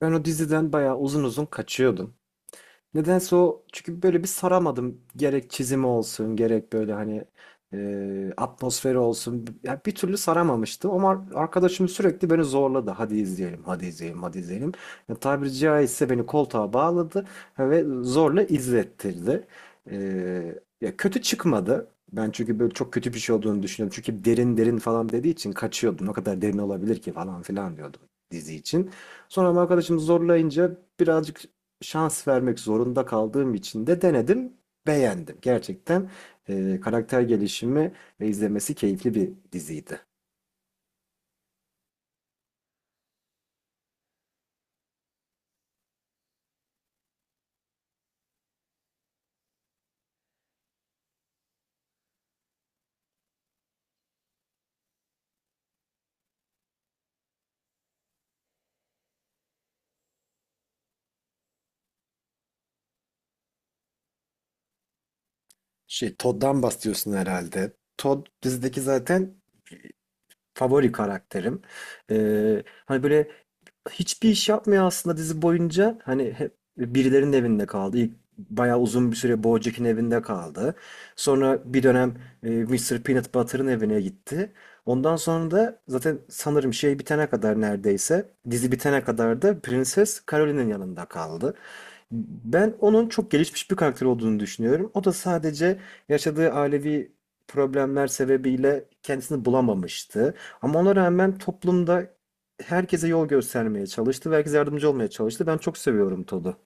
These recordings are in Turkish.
Ben o diziden bayağı uzun uzun kaçıyordum. Nedense o çünkü böyle bir saramadım. Gerek çizimi olsun, gerek böyle hani atmosferi olsun. Ya bir türlü saramamıştım ama arkadaşım sürekli beni zorladı. Hadi izleyelim, hadi izleyelim, hadi izleyelim. Ya, tabiri caizse beni koltuğa bağladı ve zorla izlettirdi. E, ya kötü çıkmadı. Ben çünkü böyle çok kötü bir şey olduğunu düşünüyorum. Çünkü derin derin falan dediği için kaçıyordum. Ne kadar derin olabilir ki falan filan diyordum dizi için. Sonra ama arkadaşım zorlayınca birazcık şans vermek zorunda kaldığım için de denedim, beğendim. Gerçekten karakter gelişimi ve izlemesi keyifli bir diziydi. Şey, Todd'dan bahsediyorsun herhalde. Todd dizideki zaten favori karakterim. E, hani böyle hiçbir iş yapmıyor aslında dizi boyunca. Hani hep birilerinin evinde kaldı. İlk bayağı uzun bir süre BoJack'in evinde kaldı. Sonra bir dönem Mr. Peanut Butter'ın evine gitti. Ondan sonra da zaten sanırım şey bitene kadar neredeyse dizi bitene kadar da Prenses Caroline'in yanında kaldı. Ben onun çok gelişmiş bir karakter olduğunu düşünüyorum. O da sadece yaşadığı ailevi problemler sebebiyle kendisini bulamamıştı. Ama ona rağmen toplumda herkese yol göstermeye çalıştı ve herkese yardımcı olmaya çalıştı. Ben çok seviyorum Todd'u.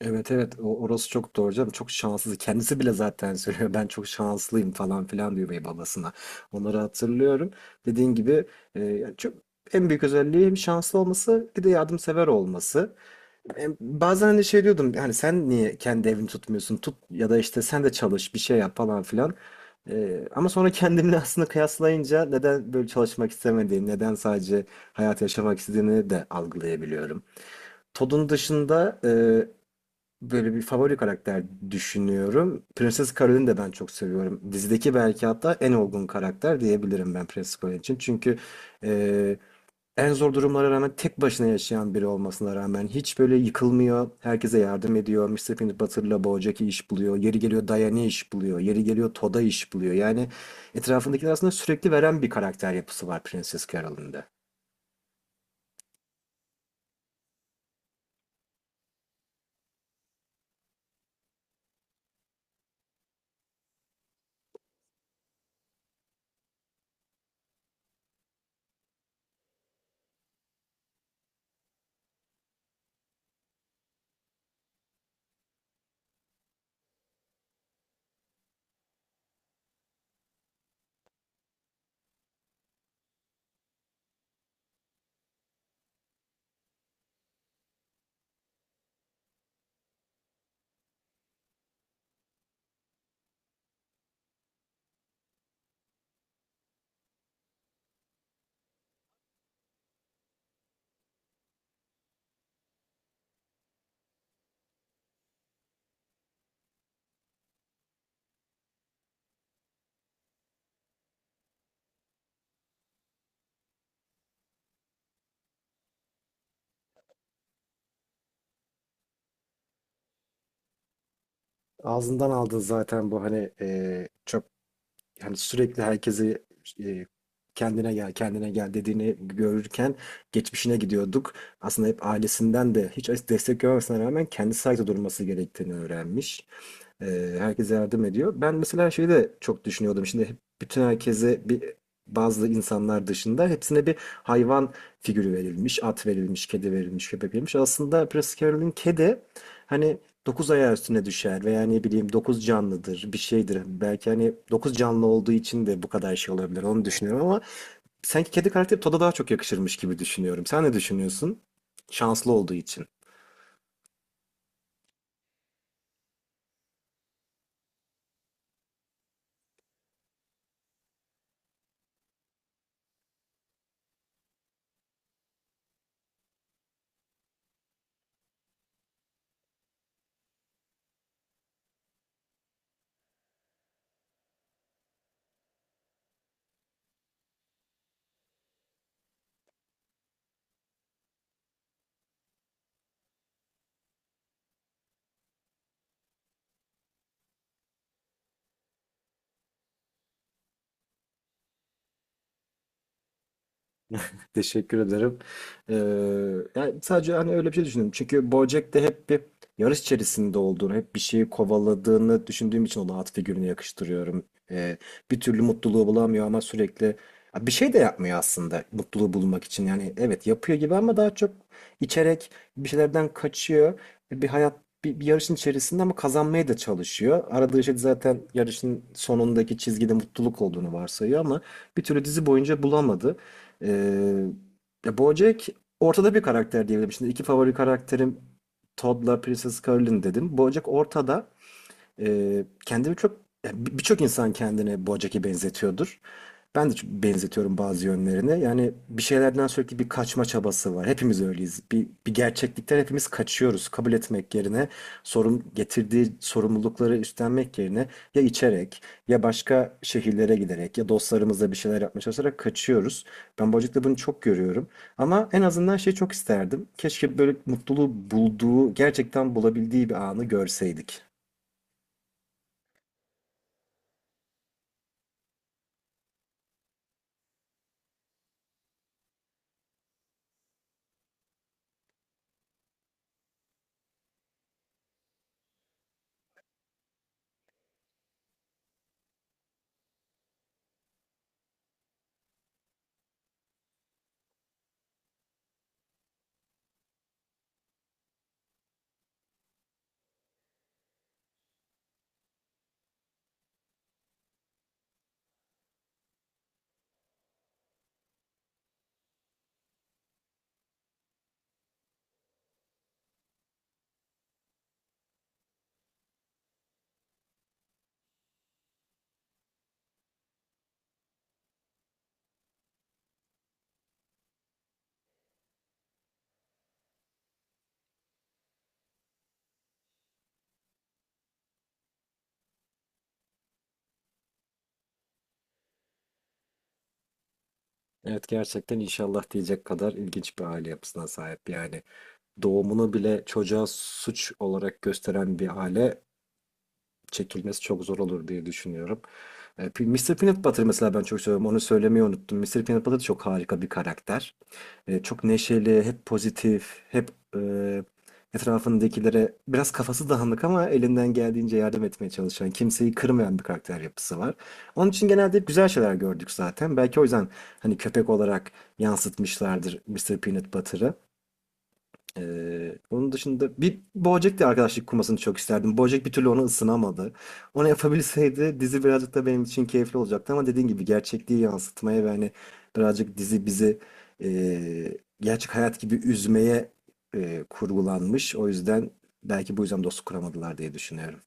Evet, evet, orası çok doğru canım. Çok şanssız. Kendisi bile zaten söylüyor. Ben çok şanslıyım falan filan diyor bey babasına. Onları hatırlıyorum. Dediğin gibi, yani çok en büyük özelliği hem şanslı olması bir de yardımsever olması. Bazen hani şey diyordum, hani sen niye kendi evini tutmuyorsun tut, ya da işte sen de çalış bir şey yap falan filan. Ama sonra kendimle aslında kıyaslayınca neden böyle çalışmak istemediğini, neden sadece hayat yaşamak istediğini de algılayabiliyorum. Todd'un dışında böyle bir favori karakter düşünüyorum. Prenses Carol'ü de ben çok seviyorum. Dizideki belki hatta en olgun karakter diyebilirim ben Prenses Carol için. Çünkü e, en zor durumlara rağmen tek başına yaşayan biri olmasına rağmen hiç böyle yıkılmıyor. Herkese yardım ediyor. Mister Peanut Butter'la Bojack'i iş buluyor. Yeri geliyor Diane'i iş buluyor. Yeri geliyor Toad'a iş buluyor. Yani etrafındakiler aslında sürekli veren bir karakter yapısı var Prenses Carol'ın da. Ağzından aldın zaten bu hani, çok hani sürekli herkesi eee, kendine gel, kendine gel dediğini görürken geçmişine gidiyorduk. Aslında hep ailesinden de hiç destek görmemesine rağmen kendi ayakta durması gerektiğini öğrenmiş. Herkese yardım ediyor. Ben mesela şeyi de çok düşünüyordum. Şimdi hep, bütün herkese bazı insanlar dışında hepsine bir hayvan figürü verilmiş. At verilmiş, kedi verilmiş, köpek verilmiş. Aslında Prince Carol'ün kedi hani 9 ayağı üstüne düşer veya ne bileyim 9 canlıdır bir şeydir. Belki hani dokuz canlı olduğu için de bu kadar şey olabilir onu düşünüyorum ama sanki kedi karakteri Todd'a daha çok yakışırmış gibi düşünüyorum. Sen ne düşünüyorsun? Şanslı olduğu için. Teşekkür ederim. Ee, yani sadece hani öyle bir şey düşündüm. Çünkü BoJack'te hep bir yarış içerisinde olduğunu, hep bir şeyi kovaladığını düşündüğüm için ona at figürünü yakıştırıyorum. Ee, bir türlü mutluluğu bulamıyor ama sürekli. Ya bir şey de yapmıyor aslında mutluluğu bulmak için. Yani evet yapıyor gibi ama daha çok içerek bir şeylerden kaçıyor. Bir hayat bir yarışın içerisinde ama kazanmaya da çalışıyor. Aradığı şey de zaten yarışın sonundaki çizgide mutluluk olduğunu varsayıyor ama bir türlü dizi boyunca bulamadı. Ee, ya BoJack ortada bir karakter diyebilirim. Şimdi iki favori karakterim Todd'la Princess Carolyn dedim. BoJack ortada. Kendimi çok yani birçok insan kendini Bojack'e benzetiyordur. Ben de çok benzetiyorum bazı yönlerine. Yani bir şeylerden sürekli bir kaçma çabası var. Hepimiz öyleyiz. Bir gerçeklikten hepimiz kaçıyoruz. Kabul etmek yerine sorun getirdiği sorumlulukları üstlenmek yerine ya içerek, ya başka şehirlere giderek, ya dostlarımızla bir şeyler yapmaya çalışarak kaçıyoruz. Ben Bojack'ta bunu çok görüyorum. Ama en azından şey çok isterdim. Keşke böyle mutluluğu bulduğu, gerçekten bulabildiği bir anı görseydik. Evet, gerçekten inşallah diyecek kadar ilginç bir aile yapısına sahip. Yani doğumunu bile çocuğa suç olarak gösteren bir aile, çekilmesi çok zor olur diye düşünüyorum. Mr. Peanut Butter mesela ben çok seviyorum. Onu söylemeyi unuttum. Mr. Peanut Butter çok harika bir karakter. Çok neşeli, hep pozitif, hep e, etrafındakilere biraz kafası dağınık ama elinden geldiğince yardım etmeye çalışan, kimseyi kırmayan bir karakter yapısı var. Onun için genelde hep güzel şeyler gördük zaten. Belki o yüzden hani köpek olarak yansıtmışlardır Mr. Peanut Butter'ı. Onun dışında bir BoJack'le arkadaşlık kurmasını çok isterdim. BoJack bir türlü ona ısınamadı. Onu yapabilseydi dizi birazcık da benim için keyifli olacaktı ama dediğin gibi gerçekliği yansıtmaya ve hani birazcık dizi bizi gerçek hayat gibi üzmeye kurgulanmış. O yüzden belki bu yüzden dostluk kuramadılar diye düşünüyorum.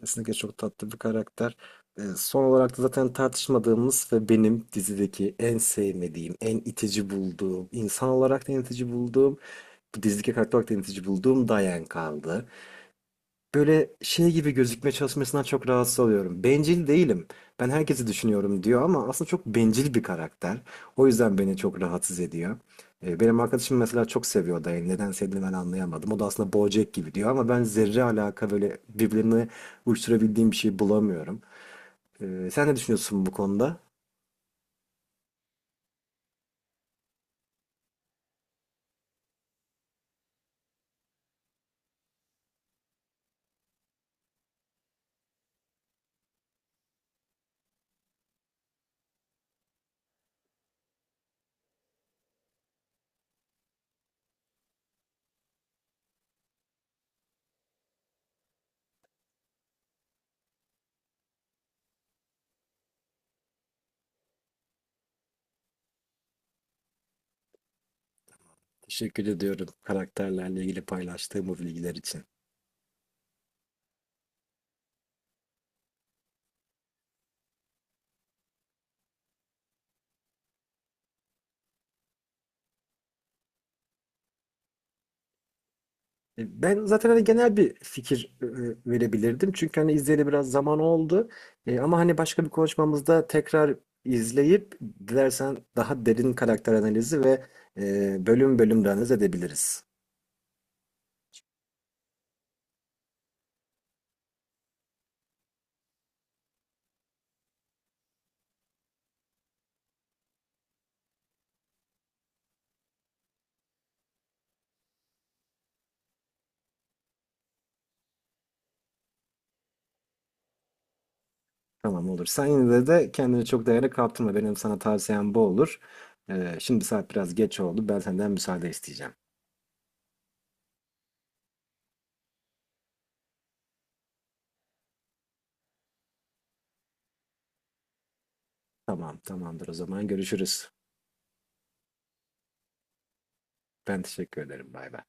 Kesinlikle çok tatlı bir karakter. Son olarak da zaten tartışmadığımız ve benim dizideki en sevmediğim, en itici bulduğum, insan olarak da en itici bulduğum, bu dizideki karakter olarak da en itici bulduğum Diane kaldı. Böyle şey gibi gözükme çalışmasından çok rahatsız oluyorum. Bencil değilim. Ben herkesi düşünüyorum diyor ama aslında çok bencil bir karakter. O yüzden beni çok rahatsız ediyor. Benim arkadaşım mesela çok seviyor Dayı. Neden sevdiğini ben anlayamadım. O da aslında Bojack gibi diyor ama ben zerre alaka böyle birbirine uyuşturabildiğim bir şey bulamıyorum. Sen ne düşünüyorsun bu konuda? Teşekkür ediyorum karakterlerle ilgili paylaştığım bu bilgiler için. Ben zaten hani genel bir fikir verebilirdim. Çünkü hani izleyeli biraz zaman oldu. Ama hani başka bir konuşmamızda tekrar izleyip, dilersen daha derin karakter analizi ve bölüm bölüm de analiz edebiliriz. Tamam, olur. Sen yine de kendini çok değerli kaptırma. Benim sana tavsiyem bu olur. Şimdi saat biraz geç oldu. Ben senden müsaade isteyeceğim. Tamam, tamamdır, o zaman görüşürüz. Ben teşekkür ederim. Bay bay.